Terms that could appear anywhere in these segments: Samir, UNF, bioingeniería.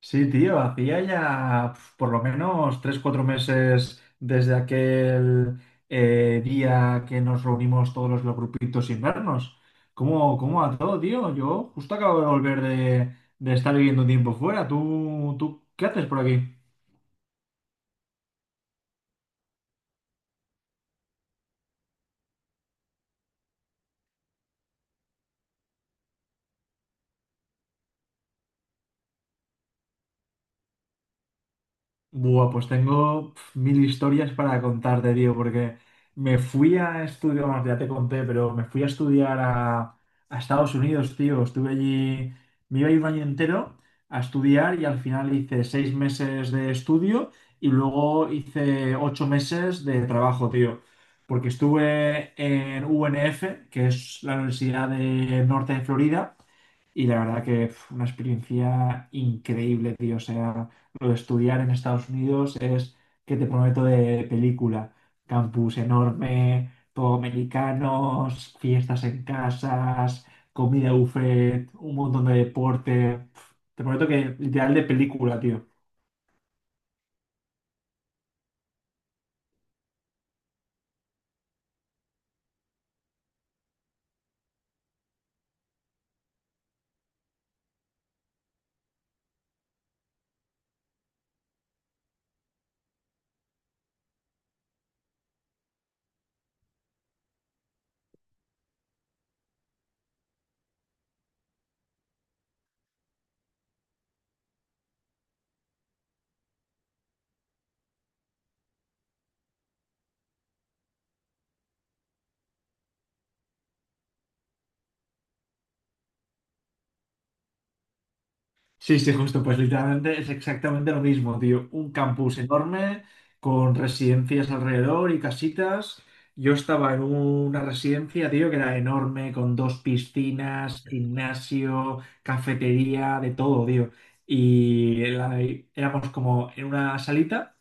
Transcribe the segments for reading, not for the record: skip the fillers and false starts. Sí, tío, hacía ya por lo menos tres, cuatro meses desde aquel día que nos reunimos todos los grupitos sin vernos. ¿Cómo va todo, tío? Yo justo acabo de volver de estar viviendo un tiempo fuera. ¿Tú qué haces por aquí? Buah, pues tengo mil historias para contarte, tío, porque me fui a estudiar, bueno, ya te conté, pero me fui a estudiar a Estados Unidos, tío. Estuve allí, me iba a ir un año entero a estudiar y al final hice 6 meses de estudio y luego hice 8 meses de trabajo, tío. Porque estuve en UNF, que es la Universidad de Norte de Florida, y la verdad que fue una experiencia increíble, tío. O sea, lo de estudiar en Estados Unidos es que te prometo de película. Campus enorme, todo americanos, fiestas en casas, comida buffet, un montón de deporte. Te prometo que literal de película, tío. Sí, sí, justo, pues literalmente es exactamente lo mismo, tío. Un campus enorme con residencias alrededor y casitas. Yo estaba en una residencia, tío, que era enorme, con 2 piscinas, gimnasio, cafetería, de todo, tío. Y éramos como en una salita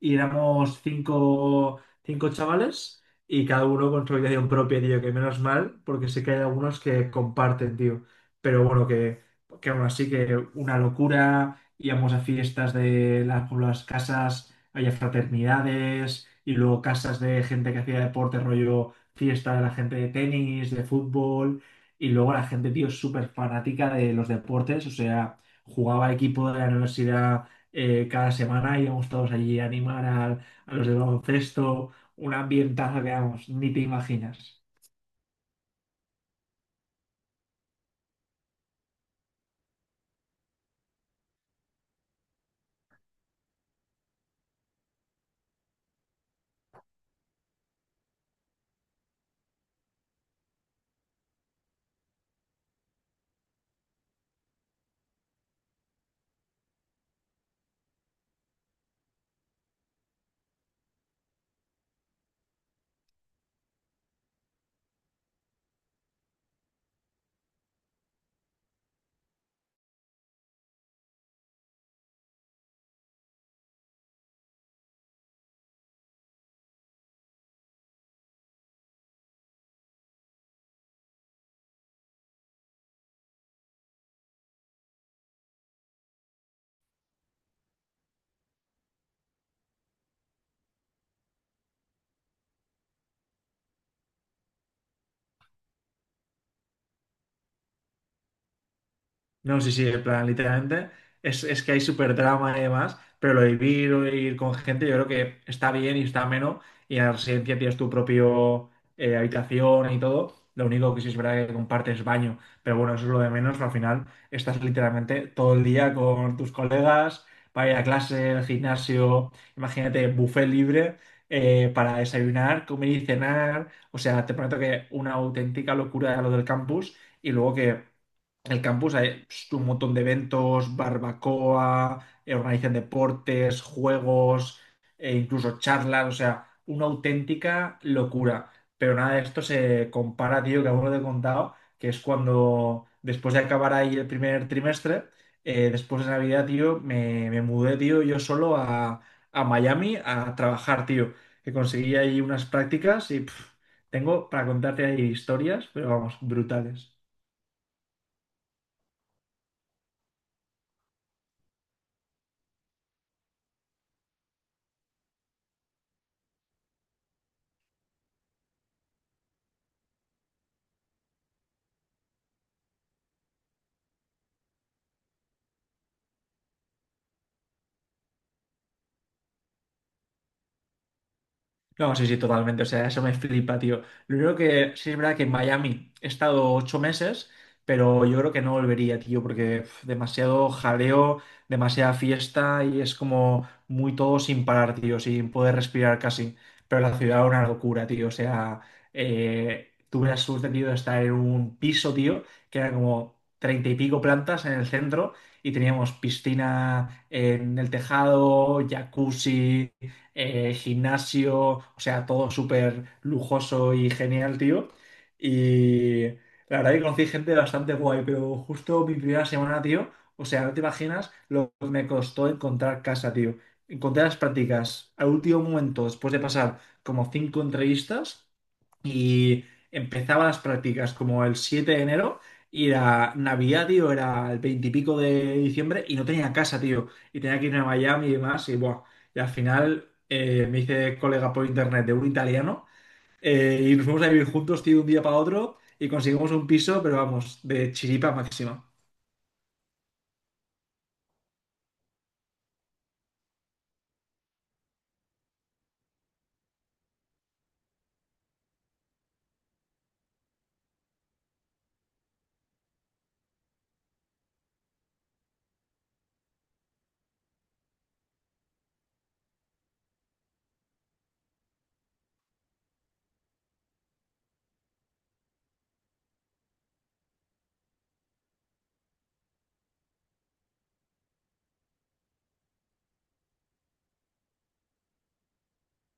y éramos cinco, cinco chavales y cada uno con su habitación propia, tío, que menos mal, porque sé que hay algunos que comparten, tío. Pero bueno, que aún así que una locura, íbamos a fiestas de por las casas, había fraternidades y luego casas de gente que hacía deporte, rollo fiesta de la gente de tenis, de fútbol. Y luego la gente, tío, súper fanática de los deportes, o sea, jugaba equipo de la universidad cada semana íbamos todos allí a animar a los del baloncesto, un ambientazo que, vamos, ni te imaginas. No, sí, sí, en plan, literalmente es que hay súper drama y demás, pero lo de vivir o ir con gente, yo creo que está bien y está ameno. Y en la residencia tienes tu propio habitación y todo. Lo único que sí es verdad que compartes baño, pero bueno, eso es lo de menos. Al final estás literalmente todo el día con tus colegas para ir a clase, al gimnasio, imagínate, buffet libre para desayunar, comer y cenar. O sea, te prometo que una auténtica locura lo del campus y luego que. En el campus hay un montón de eventos, barbacoa, organizan deportes, juegos, e incluso charlas, o sea, una auténtica locura. Pero nada de esto se compara, tío, que aún no te he contado, que es cuando, después de acabar ahí el primer trimestre, después de Navidad, tío, me mudé, tío, yo solo a Miami a trabajar, tío, que conseguí ahí unas prácticas y tengo para contarte ahí historias, pero vamos, brutales. No, sí, sí, totalmente. O sea, eso me flipa, tío. Lo único que sí es verdad que en Miami he estado 8 meses, pero yo creo que no volvería, tío, porque uf, demasiado jaleo, demasiada fiesta y es como muy todo sin parar, tío, sin poder respirar casi. Pero la ciudad era una locura, tío. O sea, tuve la suerte, tío, de estar en un piso, tío, que era como 30 y pico plantas en el centro y teníamos piscina en el tejado, jacuzzi gimnasio, o sea, todo súper lujoso y genial, tío. Y la verdad que conocí gente bastante guay, pero justo mi primera semana, tío, o sea, no te imaginas lo que me costó encontrar casa, tío. Encontré las prácticas al último momento, después de pasar como 5 entrevistas. Y empezaba las prácticas como el 7 de enero y la Navidad, tío, era el 20 y pico de diciembre y no tenía casa, tío. Y tenía que irme a Miami y demás. Y, buah, y al final me hice colega por internet de un italiano y nos fuimos a vivir juntos, tío, de un día para otro y conseguimos un piso, pero vamos, de chiripa máxima.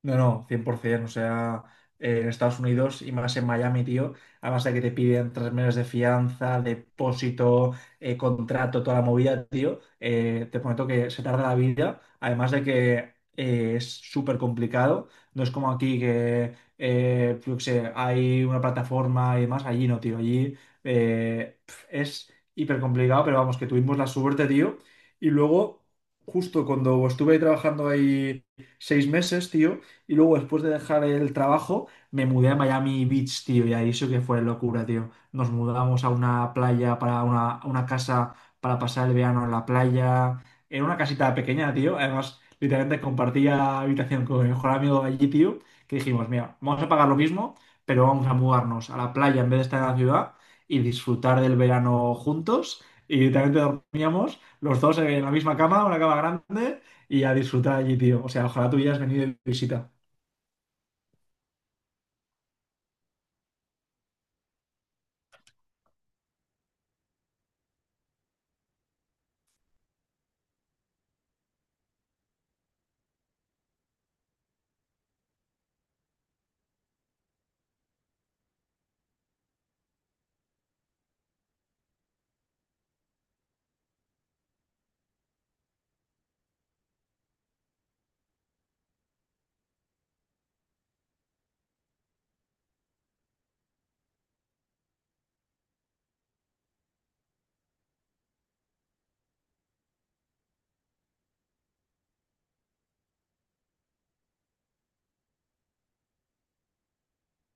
No, no, 100%. O sea, en Estados Unidos y más en Miami, tío, además de que te piden 3 meses de fianza, depósito, contrato, toda la movida, tío, te prometo que se tarda la vida. Además de que es súper complicado. No es como aquí que, yo qué sé, hay una plataforma y demás. Allí no, tío. Allí es hiper complicado, pero vamos, que tuvimos la suerte, tío. Y luego, justo cuando estuve trabajando ahí 6 meses, tío. Y luego, después de dejar el trabajo, me mudé a Miami Beach, tío, y ahí eso que fue locura, tío. Nos mudamos a una playa, a una casa para pasar el verano en la playa. Era una casita pequeña, tío. Además, literalmente compartía habitación con mi mejor amigo de allí, tío, que dijimos, mira, vamos a pagar lo mismo, pero vamos a mudarnos a la playa en vez de estar en la ciudad y disfrutar del verano juntos. Y literalmente dormíamos los dos en la misma cama, una cama grande, y a disfrutar allí, tío. O sea, ojalá tú hubieras venido de visita.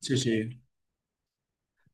Sí, sí,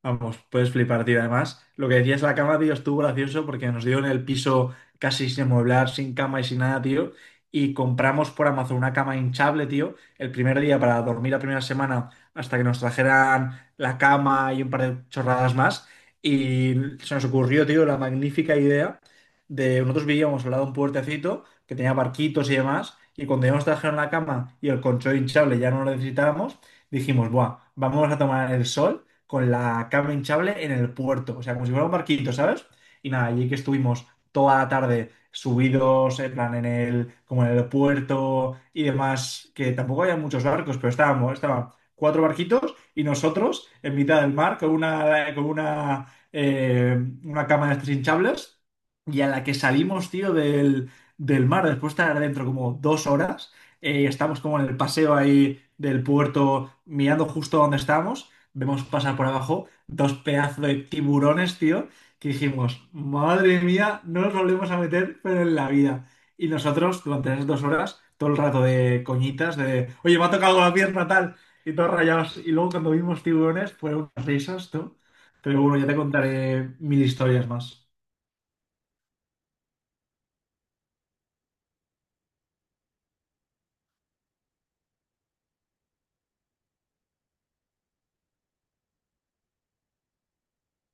vamos, puedes flipar, tío. Además, lo que decías, la cama, tío, estuvo gracioso porque nos dio en el piso casi sin amueblar, sin cama y sin nada, tío. Y compramos por Amazon una cama hinchable, tío, el primer día para dormir la primera semana hasta que nos trajeran la cama y un par de chorradas más. Y se nos ocurrió, tío, la magnífica idea de nosotros vivíamos al lado de un puertecito que tenía barquitos y demás. Y cuando ya nos trajeron la cama y el colchón hinchable ya no lo necesitábamos, dijimos, buah, vamos a tomar el sol con la cama hinchable en el puerto, o sea, como si fuera un barquito, ¿sabes? Y nada, allí que estuvimos toda la tarde subidos, en plan, como en el puerto y demás, que tampoco había muchos barcos, pero estaban cuatro barquitos y nosotros en mitad del mar con una cama de estas hinchables y a la que salimos, tío, del mar, después de estar dentro como 2 horas, estamos como en el paseo ahí del puerto mirando justo donde estábamos. Vemos pasar por abajo dos pedazos de tiburones, tío, que dijimos, madre mía, no nos volvemos a meter, pero en la vida. Y nosotros, durante esas 2 horas, todo el rato de coñitas, de, oye, me ha tocado la pierna tal, y todos rayados. Y luego cuando vimos tiburones, fueron unas risas, tú. Pero bueno, ya te contaré mil historias más.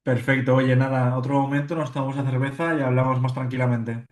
Perfecto, oye, nada, otro momento nos tomamos la cerveza y hablamos más tranquilamente.